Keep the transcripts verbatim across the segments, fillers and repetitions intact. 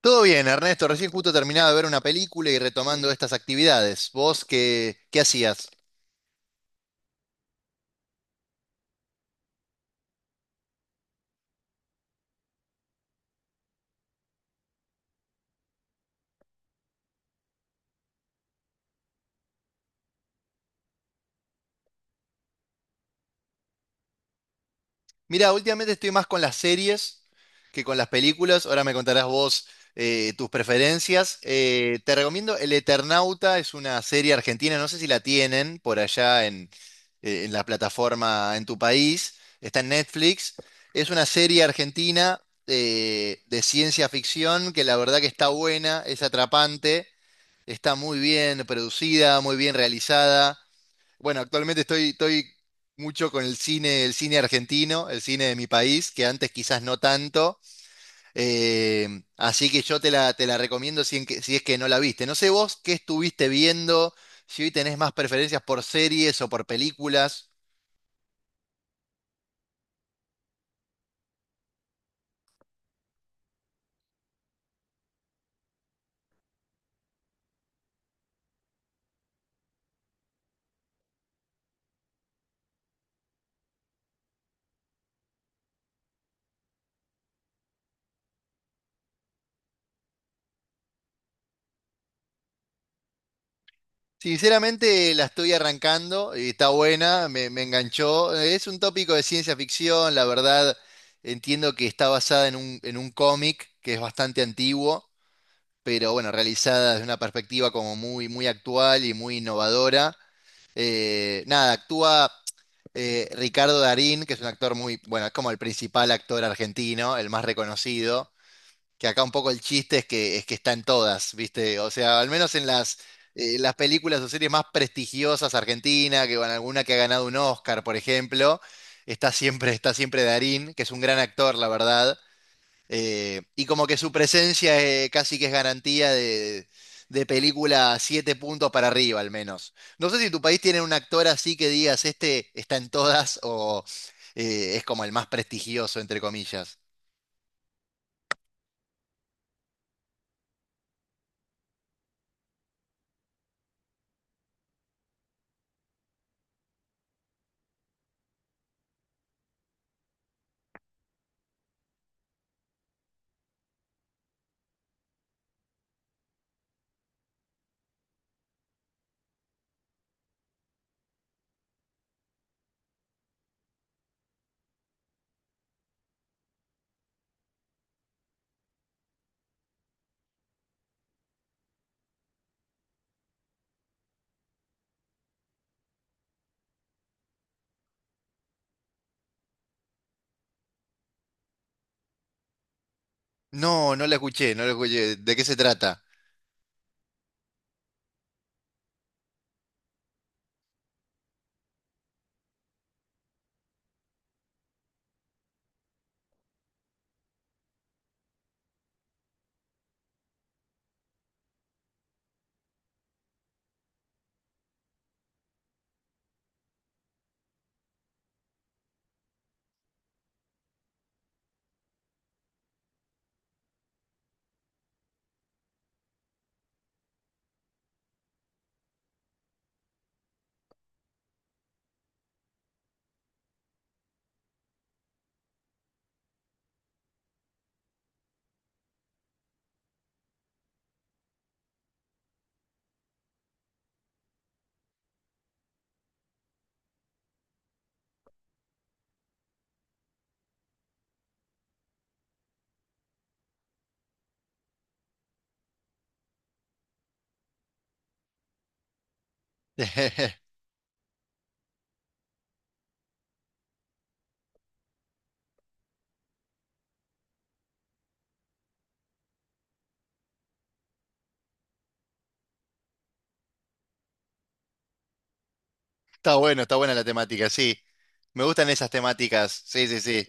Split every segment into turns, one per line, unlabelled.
Todo bien, Ernesto. Recién justo terminado de ver una película y retomando estas actividades. ¿Vos qué, qué hacías? Mira, últimamente estoy más con las series que con las películas. Ahora me contarás vos eh, tus preferencias. Eh, te recomiendo El Eternauta, es una serie argentina. No sé si la tienen por allá en, eh, en la plataforma en tu país. Está en Netflix. Es una serie argentina eh, de ciencia ficción que la verdad que está buena, es atrapante. Está muy bien producida, muy bien realizada. Bueno, actualmente estoy, estoy mucho con el cine, el cine argentino, el cine de mi país, que antes quizás no tanto. Eh, así que yo te la, te la recomiendo si, en que- si es que no la viste. No sé vos qué estuviste viendo, si hoy tenés más preferencias por series o por películas. Sinceramente la estoy arrancando y está buena, me, me enganchó. Es un tópico de ciencia ficción, la verdad entiendo que está basada en un, en un cómic que es bastante antiguo, pero bueno, realizada desde una perspectiva como muy, muy actual y muy innovadora. Eh, nada, actúa eh, Ricardo Darín, que es un actor muy, bueno, es como el principal actor argentino, el más reconocido, que acá un poco el chiste es que, es que está en todas, ¿viste? O sea, al menos en las, eh, las películas o series más prestigiosas Argentina, que bueno, alguna que ha ganado un Oscar, por ejemplo, está siempre, está siempre Darín, que es un gran actor, la verdad, eh, y como que su presencia eh, casi que es garantía de, de película siete puntos para arriba, al menos. No sé si tu país tiene un actor así que digas, este está en todas o eh, es como el más prestigioso, entre comillas. No, no la escuché, no la escuché. ¿De qué se trata? Está bueno, está buena la temática, sí. Me gustan esas temáticas, sí, sí, sí.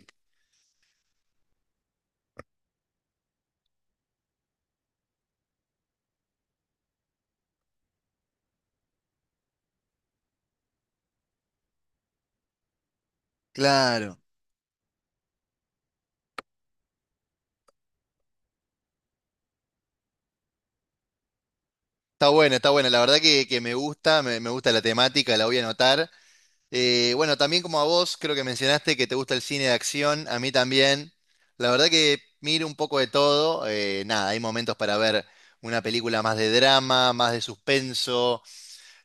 Claro. Está buena, está buena. La verdad que, que me gusta, me, me gusta la temática, la voy a anotar. Eh, bueno, también como a vos, creo que mencionaste que te gusta el cine de acción, a mí también. La verdad que miro un poco de todo. Eh, nada, hay momentos para ver una película más de drama, más de suspenso,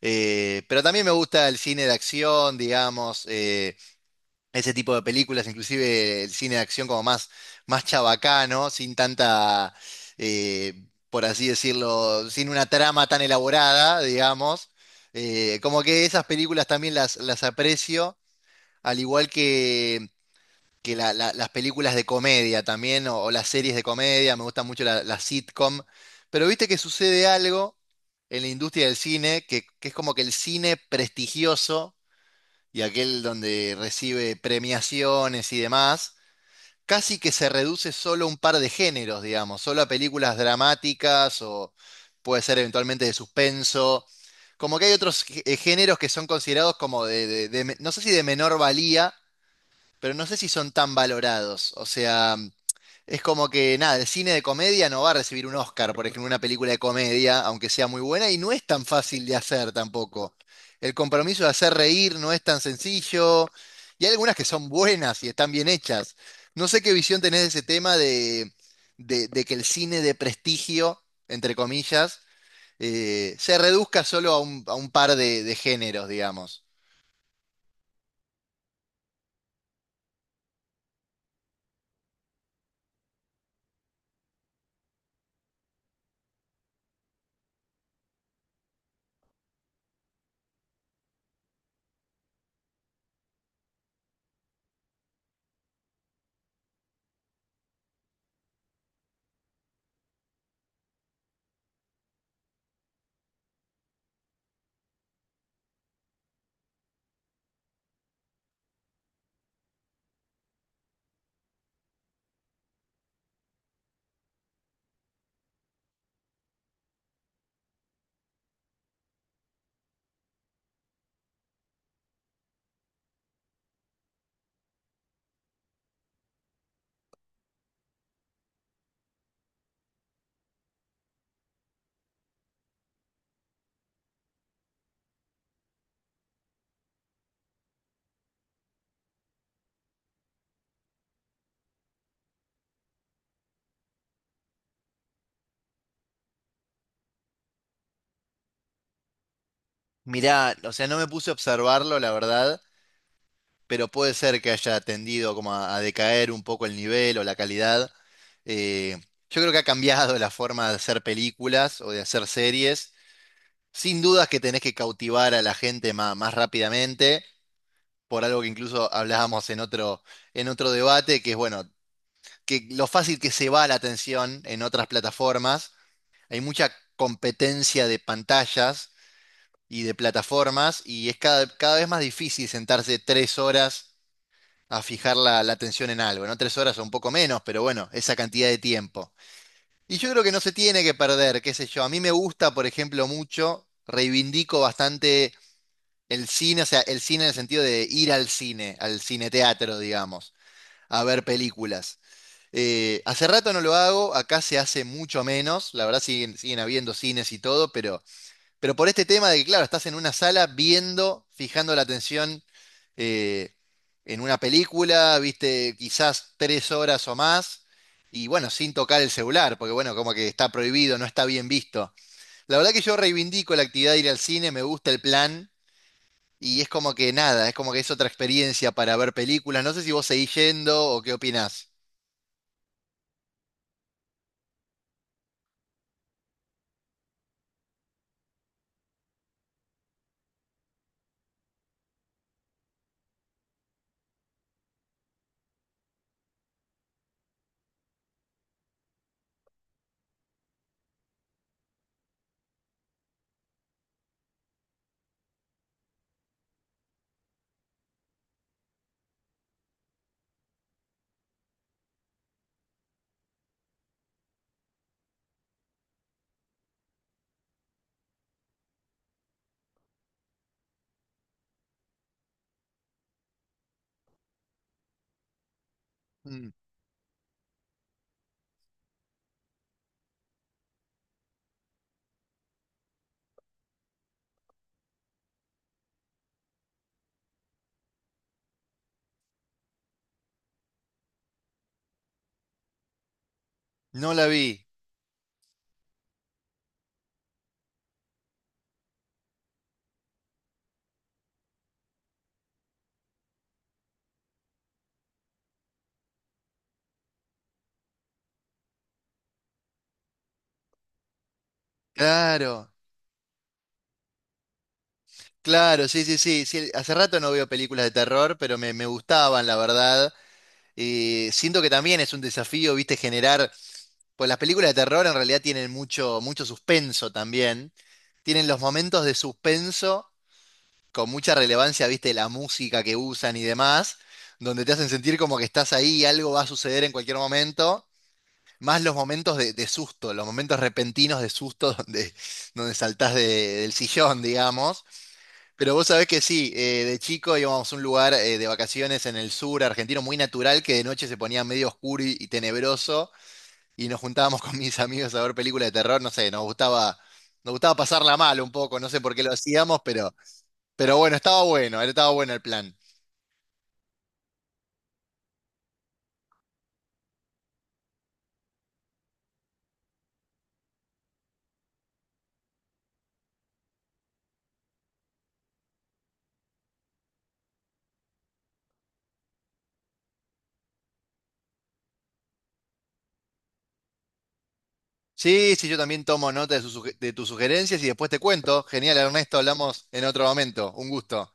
eh, pero también me gusta el cine de acción, digamos. Eh, ese tipo de películas, inclusive el cine de acción como más, más chabacano, sin tanta, eh, por así decirlo, sin una trama tan elaborada, digamos. Eh, como que esas películas también las, las aprecio, al igual que, que la- la- las películas de comedia también, o, o las series de comedia, me gustan mucho la- las sitcom, pero viste que sucede algo en la industria del cine, que, que es como que el cine prestigioso, y aquel donde recibe premiaciones y demás, casi que se reduce solo a un par de géneros, digamos, solo a películas dramáticas o puede ser eventualmente de suspenso. Como que hay otros gé- eh, géneros que son considerados como de, de- de me- no sé si de menor valía, pero no sé si son tan valorados. O sea, es como que, nada, el cine de comedia no va a recibir un Oscar, por ejemplo, una película de comedia, aunque sea muy buena, y no es tan fácil de hacer tampoco. El compromiso de hacer reír no es tan sencillo, y hay algunas que son buenas y están bien hechas. No sé qué visión tenés de ese tema de, de- de que el cine de prestigio, entre comillas, eh, se reduzca solo a un, a un par de, de géneros, digamos. Mirá, o sea, no me puse a observarlo, la verdad. Pero puede ser que haya tendido como a, a decaer un poco el nivel o la calidad. Eh, yo creo que ha cambiado la forma de hacer películas o de hacer series. Sin dudas que tenés que cautivar a la gente ma- más, rápidamente, por algo que incluso hablábamos en otro, en otro debate, que es bueno, que lo fácil que se va la atención en otras plataformas. Hay mucha competencia de pantallas y de plataformas, y es cada, cada vez más difícil sentarse tres horas a fijar la, la atención en algo, ¿no? Tres horas o un poco menos, pero bueno, esa cantidad de tiempo. Y yo creo que no se tiene que perder, qué sé yo. A mí me gusta, por ejemplo, mucho, reivindico bastante el cine, o sea, el cine en el sentido de ir al cine, al cineteatro, digamos, a ver películas. Eh, hace rato no lo hago, acá se hace mucho menos, la verdad siguen, siguen habiendo cines y todo, pero pero por este tema de que, claro, estás en una sala viendo, fijando la atención eh, en una película, viste quizás tres horas o más, y bueno, sin tocar el celular, porque bueno, como que está prohibido, no está bien visto. La verdad que yo reivindico la actividad de ir al cine, me gusta el plan, y es como que nada, es como que es otra experiencia para ver películas. No sé si vos seguís yendo o qué opinás. Mm, No la vi. Claro, claro, sí, sí, sí, sí. Hace rato no veo películas de terror, pero me, me gustaban, la verdad. Eh, siento que también es un desafío, viste, generar, pues las películas de terror en realidad tienen mucho, mucho suspenso también, tienen los momentos de suspenso con mucha relevancia, viste, la música que usan y demás, donde te hacen sentir como que estás ahí y algo va a suceder en cualquier momento, más los momentos de, de susto, los momentos repentinos de susto donde, donde saltás de- del sillón, digamos. Pero vos sabés que sí, eh, de chico íbamos a un lugar eh, de vacaciones en el sur argentino muy natural que de noche se ponía medio oscuro y, y tenebroso y nos juntábamos con mis amigos a ver películas de terror, no sé, nos gustaba, nos gustaba pasarla mal un poco, no sé por qué lo hacíamos, pero, pero bueno, estaba bueno, estaba bueno el plan. Sí, sí, yo también tomo nota de, sus suge- de tus sugerencias y después te cuento. Genial, Ernesto, hablamos en otro momento. Un gusto.